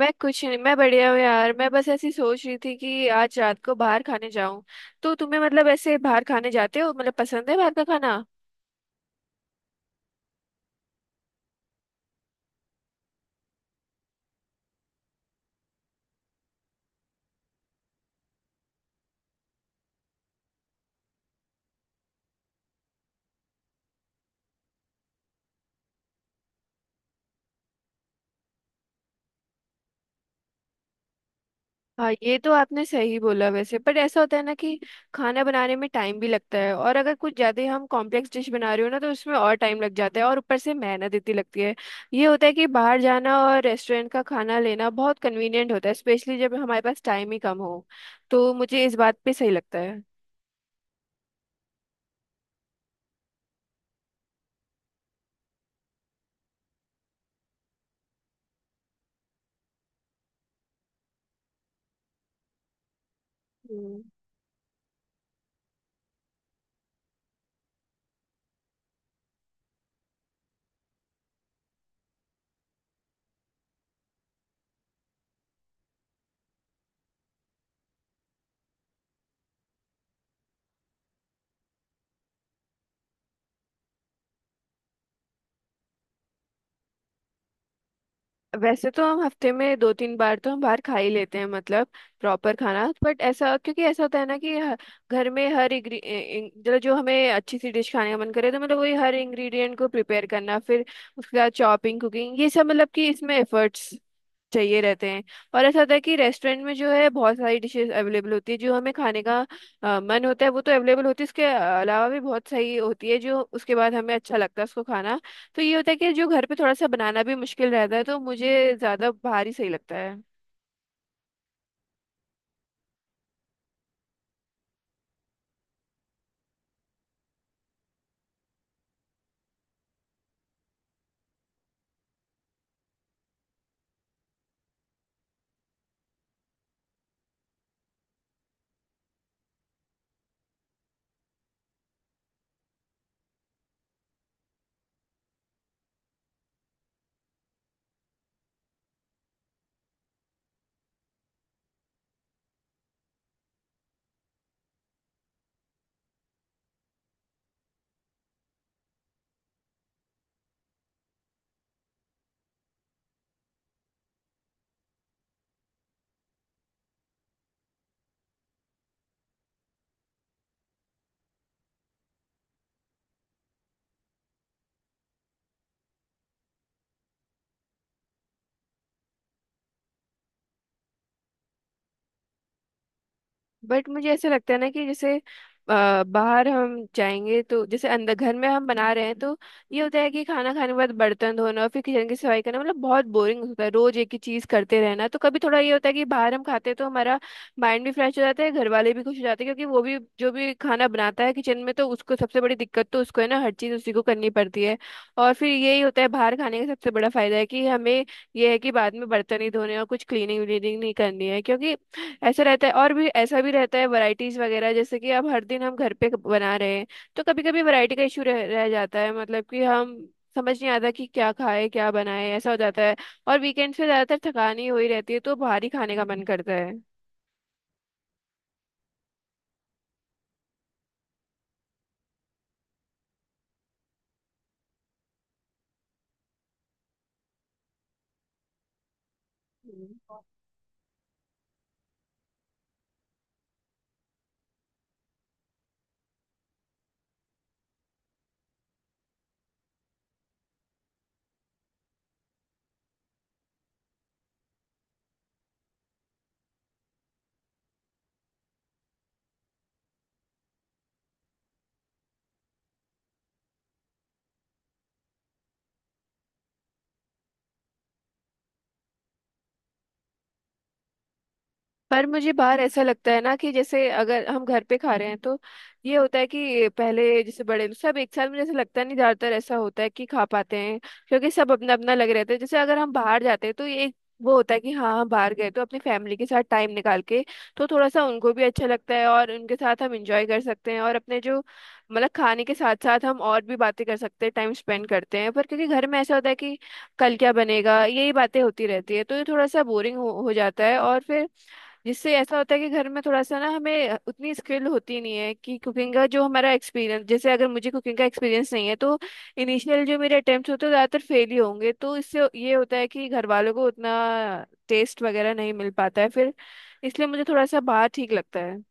मैं कुछ नहीं, मैं बढ़िया हूँ यार। मैं बस ऐसी सोच रही थी कि आज रात को बाहर खाने जाऊं। तो तुम्हें मतलब ऐसे बाहर खाने जाते हो, मतलब पसंद है बाहर का खाना? हाँ, ये तो आपने सही बोला वैसे। पर ऐसा होता है ना कि खाना बनाने में टाइम भी लगता है, और अगर कुछ ज़्यादा ही हम कॉम्प्लेक्स डिश बना रहे हो ना तो उसमें और टाइम लग जाता है, और ऊपर से मेहनत इतनी लगती है। ये होता है कि बाहर जाना और रेस्टोरेंट का खाना लेना बहुत कन्वीनियंट होता है, स्पेशली जब हमारे पास टाइम ही कम हो। तो मुझे इस बात पे सही लगता है। हम्म। वैसे तो हम हफ्ते में 2-3 बार तो हम बाहर खा ही लेते हैं, मतलब प्रॉपर खाना। बट ऐसा, क्योंकि ऐसा होता है ना कि घर में हर मतलब जो हमें अच्छी सी डिश खाने का मन करे तो मतलब वही हर इंग्रेडिएंट को प्रिपेयर करना, फिर उसके बाद चॉपिंग, कुकिंग, ये सब, मतलब कि इसमें एफर्ट्स चाहिए रहते हैं। और ऐसा होता है कि रेस्टोरेंट में जो है बहुत सारी डिशेस अवेलेबल होती है, जो हमें खाने का मन होता है वो तो अवेलेबल होती है, उसके अलावा भी बहुत सही होती है जो उसके बाद हमें अच्छा लगता है उसको खाना। तो ये होता है कि जो घर पे थोड़ा सा बनाना भी मुश्किल रहता है, तो मुझे ज़्यादा बाहर ही सही लगता है। बट मुझे ऐसा लगता है ना कि जैसे बाहर हम जाएंगे तो जैसे अंदर घर में हम बना रहे हैं, तो ये होता है कि खाना खाने के बाद बर्तन धोना और फिर किचन की सफाई करना, मतलब बहुत बोरिंग होता है रोज एक ही चीज करते रहना। तो कभी थोड़ा ये होता है कि बाहर हम खाते हैं तो हमारा माइंड भी फ्रेश हो जाता है, घर वाले भी खुश हो जाते हैं, क्योंकि वो भी जो भी खाना बनाता है किचन में, तो उसको सबसे बड़ी दिक्कत तो उसको है ना, हर चीज उसी को करनी पड़ती है। और फिर यही होता है बाहर खाने का सबसे बड़ा फायदा है कि हमें ये है कि बाद में बर्तन नहीं धोने और कुछ क्लीनिंग व्लीनिंग नहीं करनी है। क्योंकि ऐसा रहता है, और भी ऐसा भी रहता है वैरायटीज वगैरह, जैसे कि अब हर दिन हम घर पे बना रहे हैं तो कभी कभी वैरायटी का इशू रह जाता है, मतलब कि हम समझ नहीं आता कि क्या खाए क्या बनाए, ऐसा हो जाता है। और वीकेंड्स पे ज्यादातर थकान ही हुई रहती है तो बाहर ही खाने का मन करता है। हम्म। पर मुझे बाहर ऐसा लगता है ना कि जैसे अगर हम घर पे खा रहे हैं तो ये होता है कि पहले जैसे बड़े सब एक साथ, मुझे ऐसा लगता नहीं, ज्यादातर ऐसा होता है कि खा पाते हैं क्योंकि सब अपना अपना लग रहते हैं। जैसे अगर हम बाहर जाते हैं तो ये एक वो होता है कि हाँ हम बाहर गए तो अपनी फैमिली के साथ टाइम निकाल के, तो थोड़ा सा उनको भी अच्छा लगता है और उनके साथ हम इंजॉय कर सकते हैं, और अपने जो, मतलब खाने के साथ साथ हम और भी बातें कर सकते हैं, टाइम स्पेंड करते हैं। पर क्योंकि घर में ऐसा होता है कि कल क्या बनेगा यही बातें होती रहती है, तो ये थोड़ा सा बोरिंग हो जाता है। और फिर जिससे ऐसा होता है कि घर में थोड़ा सा ना हमें उतनी स्किल होती नहीं है, कि कुकिंग का जो हमारा एक्सपीरियंस, जैसे अगर मुझे कुकिंग का एक्सपीरियंस नहीं है तो इनिशियल जो मेरे अटेम्प्ट होते हैं ज़्यादातर फेल ही होंगे, तो इससे ये होता है कि घर वालों को उतना टेस्ट वगैरह नहीं मिल पाता है फिर। इसलिए मुझे थोड़ा सा बाहर ठीक लगता है।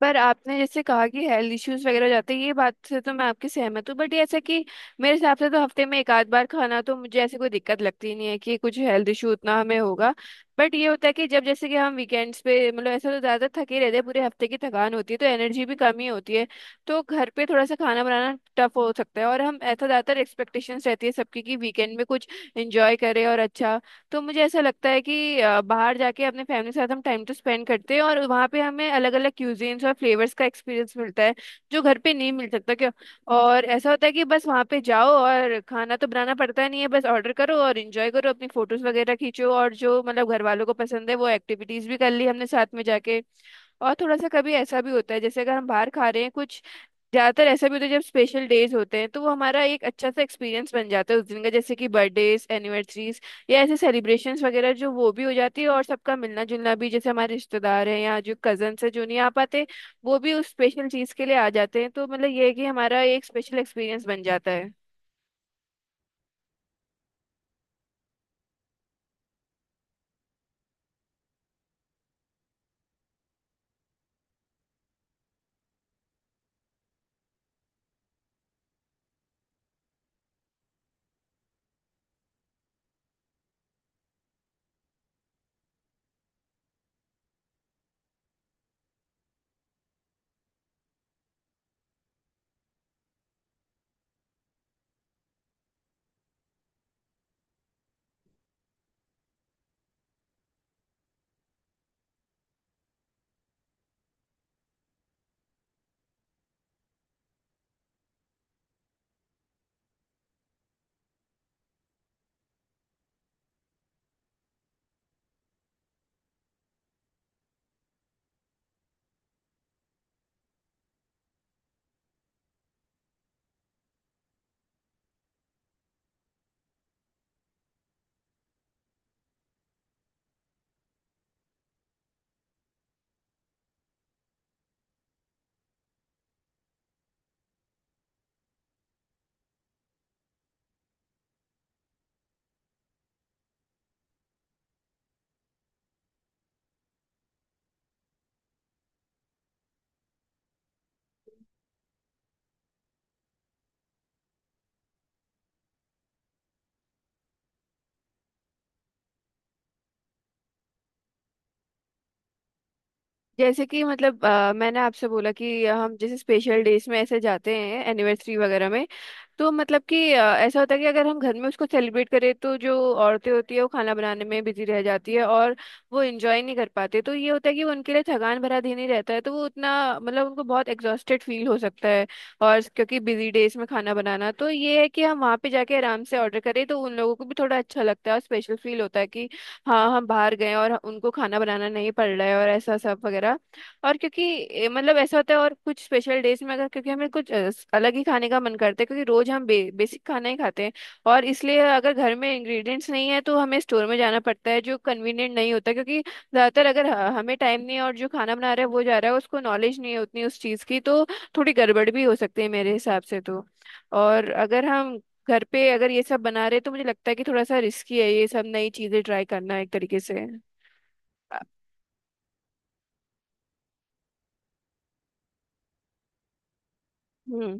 पर आपने जैसे कहा कि हेल्थ इश्यूज वगैरह हो जाते हैं, ये बात से तो मैं आपकी सहमत हूँ, बट ये ऐसा कि मेरे हिसाब से तो हफ्ते में एक आध बार खाना, तो मुझे ऐसी कोई दिक्कत लगती ही नहीं है कि कुछ हेल्थ इशू उतना हमें होगा। बट ये होता है कि जब जैसे कि हम वीकेंड्स पे, मतलब ऐसा तो ज़्यादा थके रहते हैं, पूरे हफ्ते की थकान होती है तो एनर्जी भी कम ही होती है। तो घर पे थोड़ा सा खाना बनाना टफ हो सकता है, और हम ऐसा ज़्यादातर एक्सपेक्टेशंस रहती है सबकी कि वीकेंड में कुछ इंजॉय करें और अच्छा। तो मुझे ऐसा लगता है कि बाहर जाके अपने फैमिली के साथ हम टाइम तो स्पेंड करते हैं, और वहाँ पे हमें अलग अलग क्यूजीन्स और फ्लेवर्स का एक्सपीरियंस मिलता है जो घर पे नहीं मिल सकता क्यों। और ऐसा होता है कि बस वहाँ पे जाओ और खाना तो बनाना पड़ता नहीं है, बस ऑर्डर करो और इंजॉय करो, अपनी फोटोज वगैरह खींचो, और जो मतलब घर वालों को पसंद है वो एक्टिविटीज भी कर ली हमने साथ में जाके। और थोड़ा सा कभी ऐसा भी होता है जैसे अगर हम बाहर खा रहे हैं कुछ, ज्यादातर ऐसा भी होता है जब स्पेशल डेज होते हैं, तो वो हमारा एक अच्छा सा एक्सपीरियंस बन जाता है उस दिन का, जैसे कि बर्थडेज, एनिवर्सरीज, या ऐसे सेलिब्रेशंस वगैरह, जो वो भी हो जाती है, और सबका मिलना जुलना भी, जैसे हमारे रिश्तेदार हैं या जो कजन्स हैं जो नहीं आ पाते वो भी उस स्पेशल चीज के लिए आ जाते हैं। तो मतलब ये है कि हमारा एक स्पेशल एक्सपीरियंस बन जाता है। जैसे कि मतलब मैंने आपसे बोला कि हम जैसे स्पेशल डेज में ऐसे जाते हैं एनिवर्सरी वगैरह में, तो मतलब कि ऐसा होता है कि अगर हम घर में उसको सेलिब्रेट करें तो जो औरतें होती है वो खाना बनाने में बिजी रह जाती है, और वो एंजॉय नहीं कर पाते। तो ये होता है कि वो उनके लिए थकान भरा दिन ही रहता है, तो वो उतना मतलब उनको बहुत एग्जॉस्टेड फील हो सकता है। और क्योंकि बिजी डेज में खाना बनाना, तो ये है कि हम वहाँ पे जाके आराम से ऑर्डर करें, तो उन लोगों को भी थोड़ा अच्छा लगता है और स्पेशल फील होता है कि हाँ हम बाहर गए और उनको खाना बनाना नहीं पड़ रहा है, और ऐसा सब वगैरह। और क्योंकि मतलब ऐसा होता है, और कुछ स्पेशल डेज में अगर क्योंकि हमें कुछ अलग ही खाने का मन करता है क्योंकि रोज हम बेसिक खाना ही खाते हैं। और इसलिए अगर घर में इंग्रेडिएंट्स नहीं है तो हमें स्टोर में जाना पड़ता है, जो कन्वीनियंट नहीं होता, क्योंकि ज़्यादातर अगर हमें टाइम नहीं है और जो खाना बना रहा है वो जा रहा है उसको नॉलेज नहीं है उतनी उस चीज़ की, तो थोड़ी गड़बड़ भी हो सकती है मेरे हिसाब से तो। और अगर हम घर पे अगर ये सब बना रहे तो मुझे लगता है कि थोड़ा सा रिस्की है ये सब नई चीज़ें ट्राई करना एक तरीके से। अ, हम्म।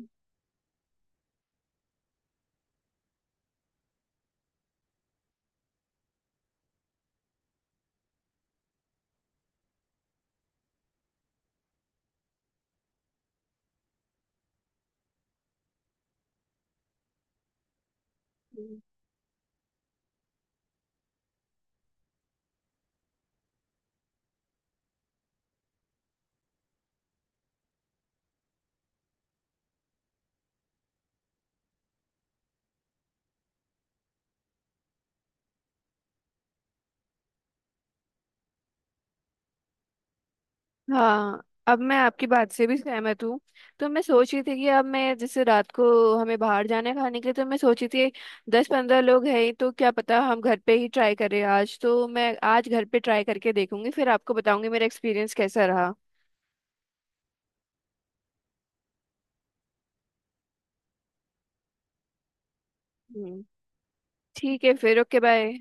हाँ, अब मैं आपकी बात से भी सहमत हूँ। तो मैं सोच रही थी कि अब मैं जैसे रात को हमें बाहर जाने खाने के लिए, तो मैं सोची थी 10-15 लोग हैं ही, तो क्या पता हम घर पे ही ट्राई करें आज। तो मैं आज घर पे ट्राई करके देखूंगी फिर आपको बताऊंगी मेरा एक्सपीरियंस कैसा रहा। हम्म। ठीक है फिर। Okay, bye.